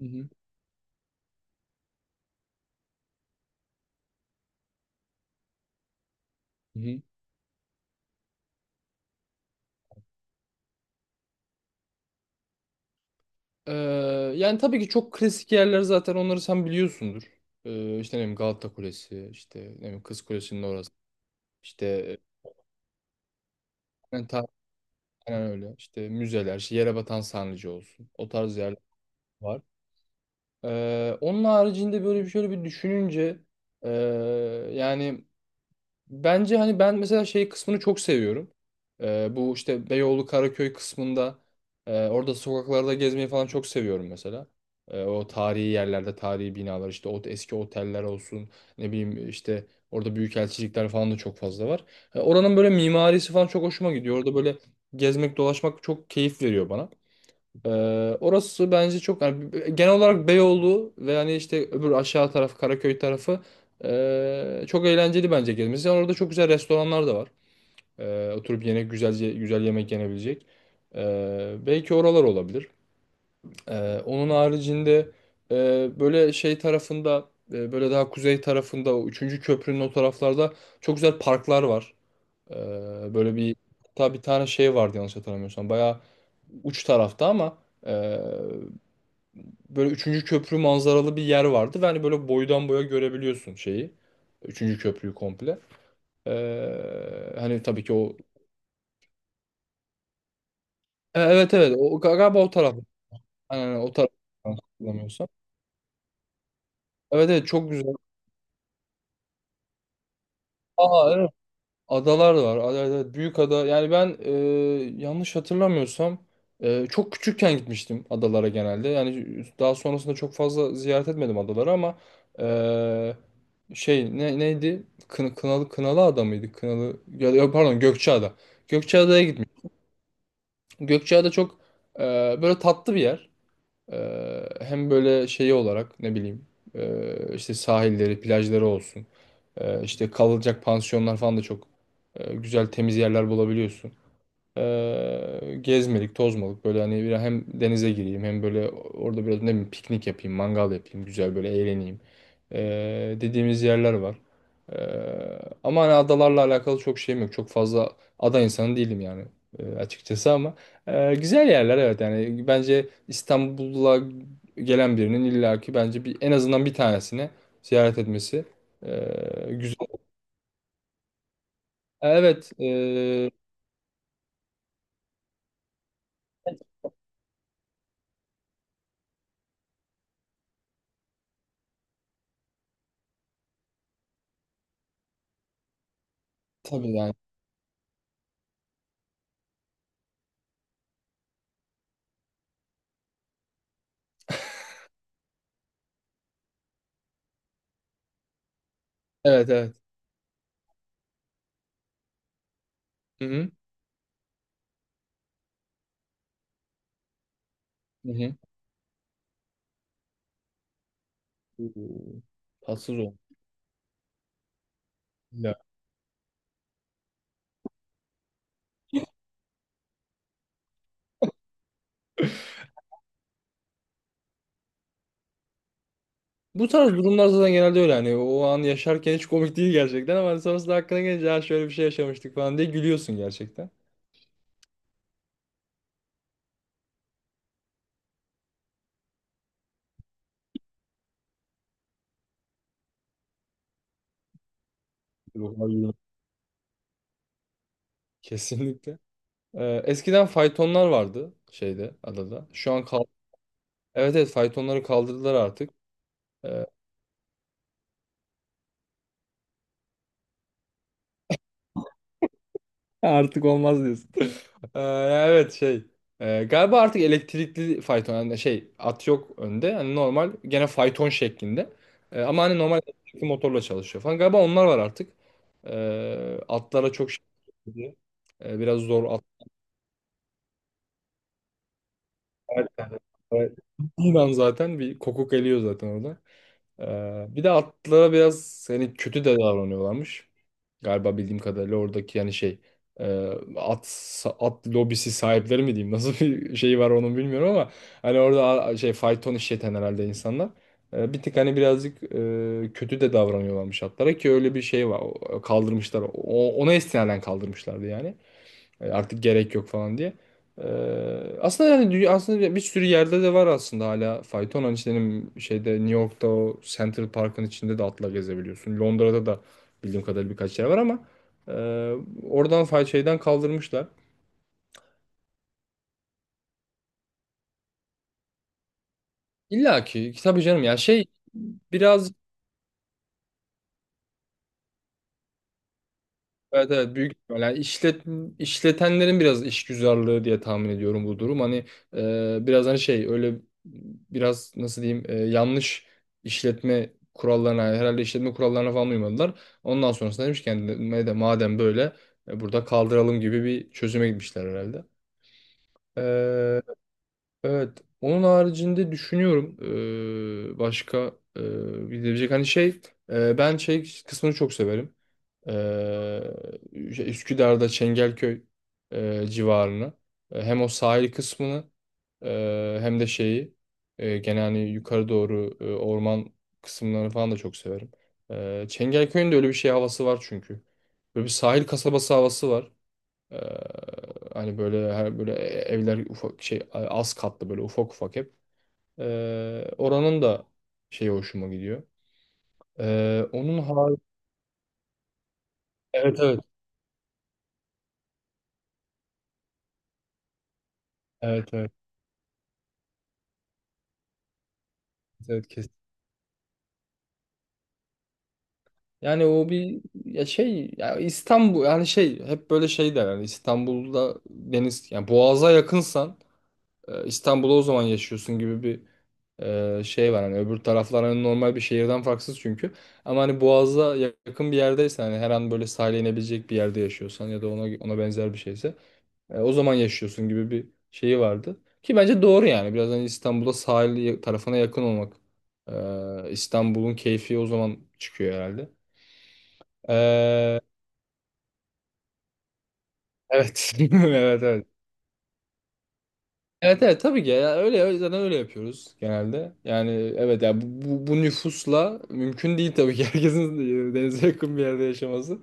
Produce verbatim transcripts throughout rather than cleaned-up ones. Hı hı. Hı hı. Ee, yani tabii ki çok klasik yerler zaten onları sen biliyorsundur. Ee, işte ne bileyim Galata Kulesi, işte ne bileyim Kız Kulesi'nin orası. İşte e, yani ta- aynen öyle. İşte müzeler, işte Yerebatan Sarnıcı olsun. O tarz yerler var. Ee, onun haricinde böyle bir şöyle bir düşününce e, yani bence hani ben mesela şey kısmını çok seviyorum. Ee, bu işte Beyoğlu Karaköy kısmında, e, orada sokaklarda gezmeyi falan çok seviyorum mesela. Ee, o tarihi yerlerde tarihi binalar, işte o eski oteller olsun, ne bileyim, işte orada büyükelçilikler falan da çok fazla var. Ee, oranın böyle mimarisi falan çok hoşuma gidiyor. Orada böyle gezmek dolaşmak çok keyif veriyor bana. Ee, orası bence çok, yani genel olarak Beyoğlu ve hani işte öbür aşağı taraf Karaköy tarafı ee, çok eğlenceli bence gezmesi. Yani orada çok güzel restoranlar da var. Ee, oturup yine güzelce güzel yemek yenebilecek. Ee, belki oralar olabilir. Ee, onun haricinde, ee, böyle şey tarafında, ee, böyle daha kuzey tarafında, o üçüncü köprünün o taraflarda çok güzel parklar var. Ee, böyle bir, hatta bir tane şey vardı yanlış hatırlamıyorsam. Bayağı uç tarafta ama böyle üçüncü köprü manzaralı bir yer vardı ve hani böyle boydan boya görebiliyorsun şeyi. Üçüncü köprüyü komple. Ee, hani tabii ki o. E, evet evet, o galiba o taraf. Aynen, o taraf, yanlış hatırlamıyorsam. Evet, evet, çok güzel. Aa, evet. Adalar var. Ada, ada- büyük ada. Yani ben, e, yanlış hatırlamıyorsam, e, çok küçükken gitmiştim adalara genelde. Yani daha sonrasında çok fazla ziyaret etmedim adaları, ama e, şey, ne, neydi? Kın, Kınalı Kınalı Ada mıydı? Kınalı ya, ya pardon, Gökçeada. Gökçeada'ya gitmiş. Gökçeada çok e, böyle tatlı bir yer. E, hem böyle şeyi olarak ne bileyim, e, işte sahilleri, plajları olsun. Ee, işte kalacak pansiyonlar falan da çok e, güzel temiz yerler bulabiliyorsun. Ee, gezmelik, tozmalık, böyle hani bir, hem denize gireyim hem böyle orada biraz ne bileyim piknik yapayım, mangal yapayım, güzel böyle eğleneyim. Ee, dediğimiz yerler var. Ee, ama hani adalarla alakalı çok şeyim yok. Çok fazla ada insanı değilim yani, e, açıkçası, ama e, güzel yerler, evet. Yani bence İstanbul'a gelen birinin illaki bence bir, en azından bir tanesini ziyaret etmesi e, güzel. Evet. E, tabii yani. Evet, evet. Hı hı. Hı hı. Oo. Tatsız oldu. Ya. Bu tarz durumlar zaten genelde öyle, hani o an yaşarken hiç komik değil gerçekten, ama hani sonrasında hakkına gelince ha şöyle bir şey yaşamıştık falan diye gülüyorsun gerçekten. Yok, hayır. Kesinlikle. Ee, eskiden faytonlar vardı şeyde, adada. Şu an kal evet, evet, faytonları kaldırdılar artık. Artık olmaz diyorsun. Ee, evet şey. Ee, galiba artık elektrikli fayton, yani şey, at yok önde. Hani normal gene fayton şeklinde. Ee, ama hani normal elektrikli motorla çalışıyor falan. Galiba onlar var artık. Ee, atlara çok şey yapıyor. Ee, biraz zor atlar. Bundan zaten bir kokuk geliyor zaten orada. Ee, bir de atlara biraz hani kötü de davranıyorlarmış. Galiba bildiğim kadarıyla oradaki yani şey, e, at at lobisi sahipleri mi diyeyim, nasıl bir şey var onu bilmiyorum, ama hani orada a- şey, fayton işleten herhalde insanlar. E, bir tık hani birazcık e, kötü de davranıyorlarmış atlara, ki öyle bir şey var. O- kaldırmışlar o, ona istinaden kaldırmışlardı yani. E, Artık gerek yok falan diye. E, aslında yani dünya, aslında bir bir sürü yerde de var aslında hala fayton. Hani işte benim şeyde New York'ta o Central Park'ın içinde de atla gezebiliyorsun. Londra'da da bildiğim kadarıyla birkaç yer var, ama e, oradan fay şeyden kaldırmışlar. İlla ki tabii canım, ya şey, biraz. Evet, evet, büyük ihtimal. Yani işlet, işletenlerin biraz işgüzarlığı diye tahmin ediyorum bu durum. Hani e, biraz hani şey öyle, biraz nasıl diyeyim, e, yanlış işletme kurallarına, herhalde işletme kurallarına falan uymadılar. Ondan sonrasında demiş ki yani, madem madem böyle, e, burada kaldıralım gibi bir çözüme gitmişler herhalde. E, evet. Onun haricinde düşünüyorum, e, başka, e, gidebilecek hani şey, e, ben şey kısmını çok severim. Ee, şey, Üsküdar'da Çengelköy e, civarını, e, hem o sahil kısmını, e, hem de şeyi, e, gene hani yukarı doğru e, orman kısımlarını falan da çok severim. E, Çengelköy'ün de öyle bir şey havası var çünkü. Böyle bir sahil kasabası havası var. E, hani böyle her, böyle evler ufak şey, az katlı, böyle ufak ufak hep. E, oranın da şeyi hoşuma gidiyor. E, onun harici. Evet, evet, evet, evet, evet. Yani o bir, ya şey, ya İstanbul, yani şey hep böyle şey der yani, İstanbul'da deniz, yani Boğaz'a yakınsan, e, İstanbul'da o zaman yaşıyorsun gibi bir e, şey var. Hani öbür taraflar hani normal bir şehirden farksız çünkü, ama hani Boğaz'a yakın bir yerdeysen, hani her an böyle sahile inebilecek bir yerde yaşıyorsan ya da ona ona benzer bir şeyse, e, o zaman yaşıyorsun gibi bir şeyi vardı ki bence doğru. Yani biraz hani İstanbul'da sahil ya- tarafına yakın olmak, e, İstanbul'un keyfi o zaman çıkıyor herhalde. Ee, Evet. Evet, evet. Evet, evet, tabii ki ya, öyle öyle- zaten öyle yapıyoruz genelde. Yani evet ya, bu, bu, bu nüfusla mümkün değil tabii ki, herkesin e, denize yakın bir yerde yaşaması.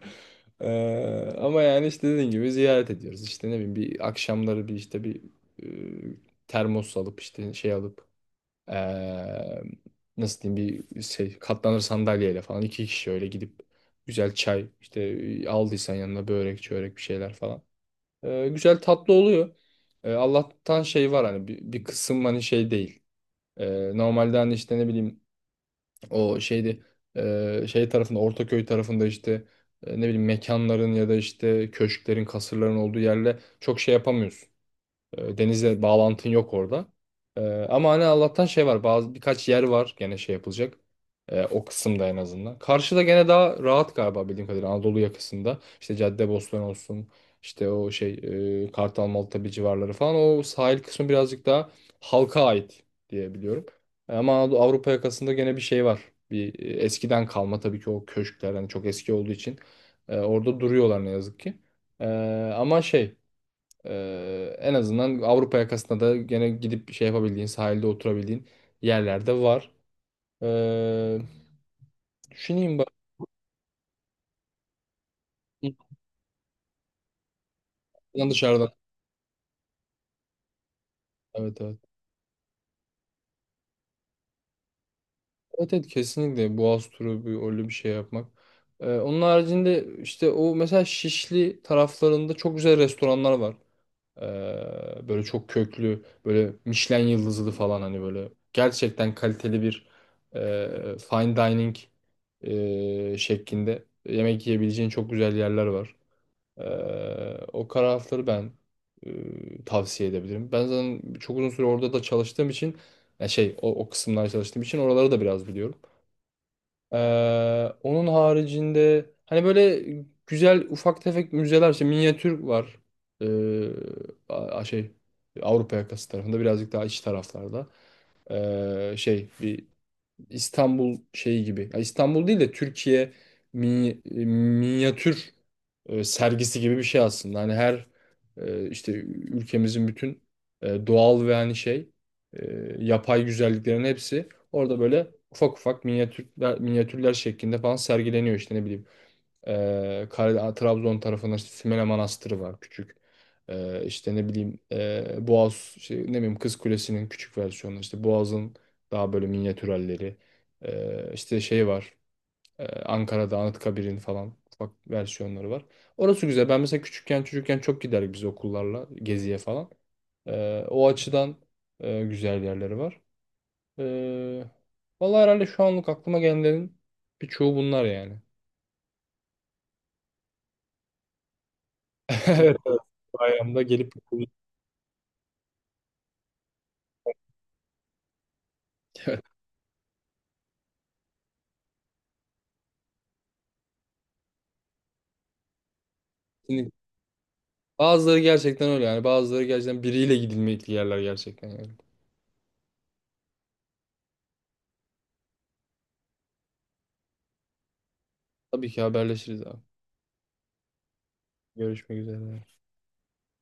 Ee, ama yani işte dediğin gibi ziyaret ediyoruz. İşte ne bileyim, bir akşamları, bir işte bir e, termos alıp, işte şey alıp, e, nasıl diyeyim, bir şey, katlanır sandalyeyle falan iki kişi öyle gidip, güzel çay, işte e, aldıysan yanına börek çörek bir şeyler falan. E, güzel tatlı oluyor. E, Allah'tan şey var, hani bir, bir kısım hani şey değil. E, normalde hani işte ne bileyim o şeydi, e, şey tarafında, Ortaköy tarafında, işte e, ne bileyim mekanların ya da işte köşklerin, kasırların olduğu yerle çok şey yapamıyorsun. E, Denizle bağlantın yok orada. E, ama hani Allah'tan şey var. Bazı birkaç yer var gene şey yapılacak. E, o kısımda en azından. Karşıda gene daha rahat galiba, bildiğim kadarıyla Anadolu yakasında. İşte Caddebostan olsun, işte o şey, e, Kartal, Maltepe civarları falan. O sahil kısmı birazcık daha halka ait diye biliyorum. Ama Anadolu- Avrupa yakasında gene bir şey var. Bir e, eskiden kalma tabii ki o köşkler, hani çok eski olduğu için e, orada duruyorlar ne yazık ki. E, ama şey, ee, en azından Avrupa yakasında da gene gidip şey yapabildiğin, sahilde oturabildiğin yerlerde var. Ee, düşüneyim bak. Dışarıdan. Dışarıdan. Evet, evet. Evet, evet, kesinlikle Boğaz turu, bir, öyle bir şey yapmak. Ee, onun haricinde işte o mesela Şişli taraflarında çok güzel restoranlar var. Ee, böyle çok köklü, böyle Michelin yıldızlı falan, hani böyle gerçekten kaliteli bir e, fine dining e, şeklinde yemek yiyebileceğin çok güzel yerler var. Ee, o tarafları ben e, tavsiye edebilirim. Ben zaten çok uzun süre orada da çalıştığım için, yani şey o, o kısımlarda çalıştığım için oraları da biraz biliyorum. Ee, onun haricinde hani böyle güzel ufak tefek müzeler, işte minyatür var. Ee, a- a- şey Avrupa yakası tarafında birazcık daha iç taraflarda. Ee, şey bir İstanbul şeyi gibi. Ya İstanbul değil de Türkiye mini- e, minyatür e, sergisi gibi bir şey aslında. Hani her e, işte ülkemizin bütün e, doğal ve hani şey e, yapay güzelliklerin hepsi orada böyle ufak ufak minyatürler, minyatürler şeklinde falan sergileniyor, işte ne bileyim. Ee, Kar- Trabzon tarafında işte Sümele Manastırı var, küçük. Ee, işte ne bileyim, e, Boğaz şey, ne bileyim Kız Kulesi'nin küçük versiyonu, işte Boğaz'ın daha böyle minyatür halleri. Ee, işte şey var, e, Ankara'da Anıtkabir'in falan ufak versiyonları var. Orası güzel. Ben mesela küçükken, çocukken çok giderdik biz okullarla geziye falan. Ee, o açıdan e, güzel yerleri var. Ee, vallahi herhalde şu anlık aklıma gelenlerin birçoğu bunlar yani. Evet, evet. Bayramda gelip. Evet. Şimdi. Bazıları gerçekten öyle yani. Bazıları gerçekten biriyle gidilmekli yerler gerçekten yani. Tabii ki haberleşiriz abi. Görüşmek üzere.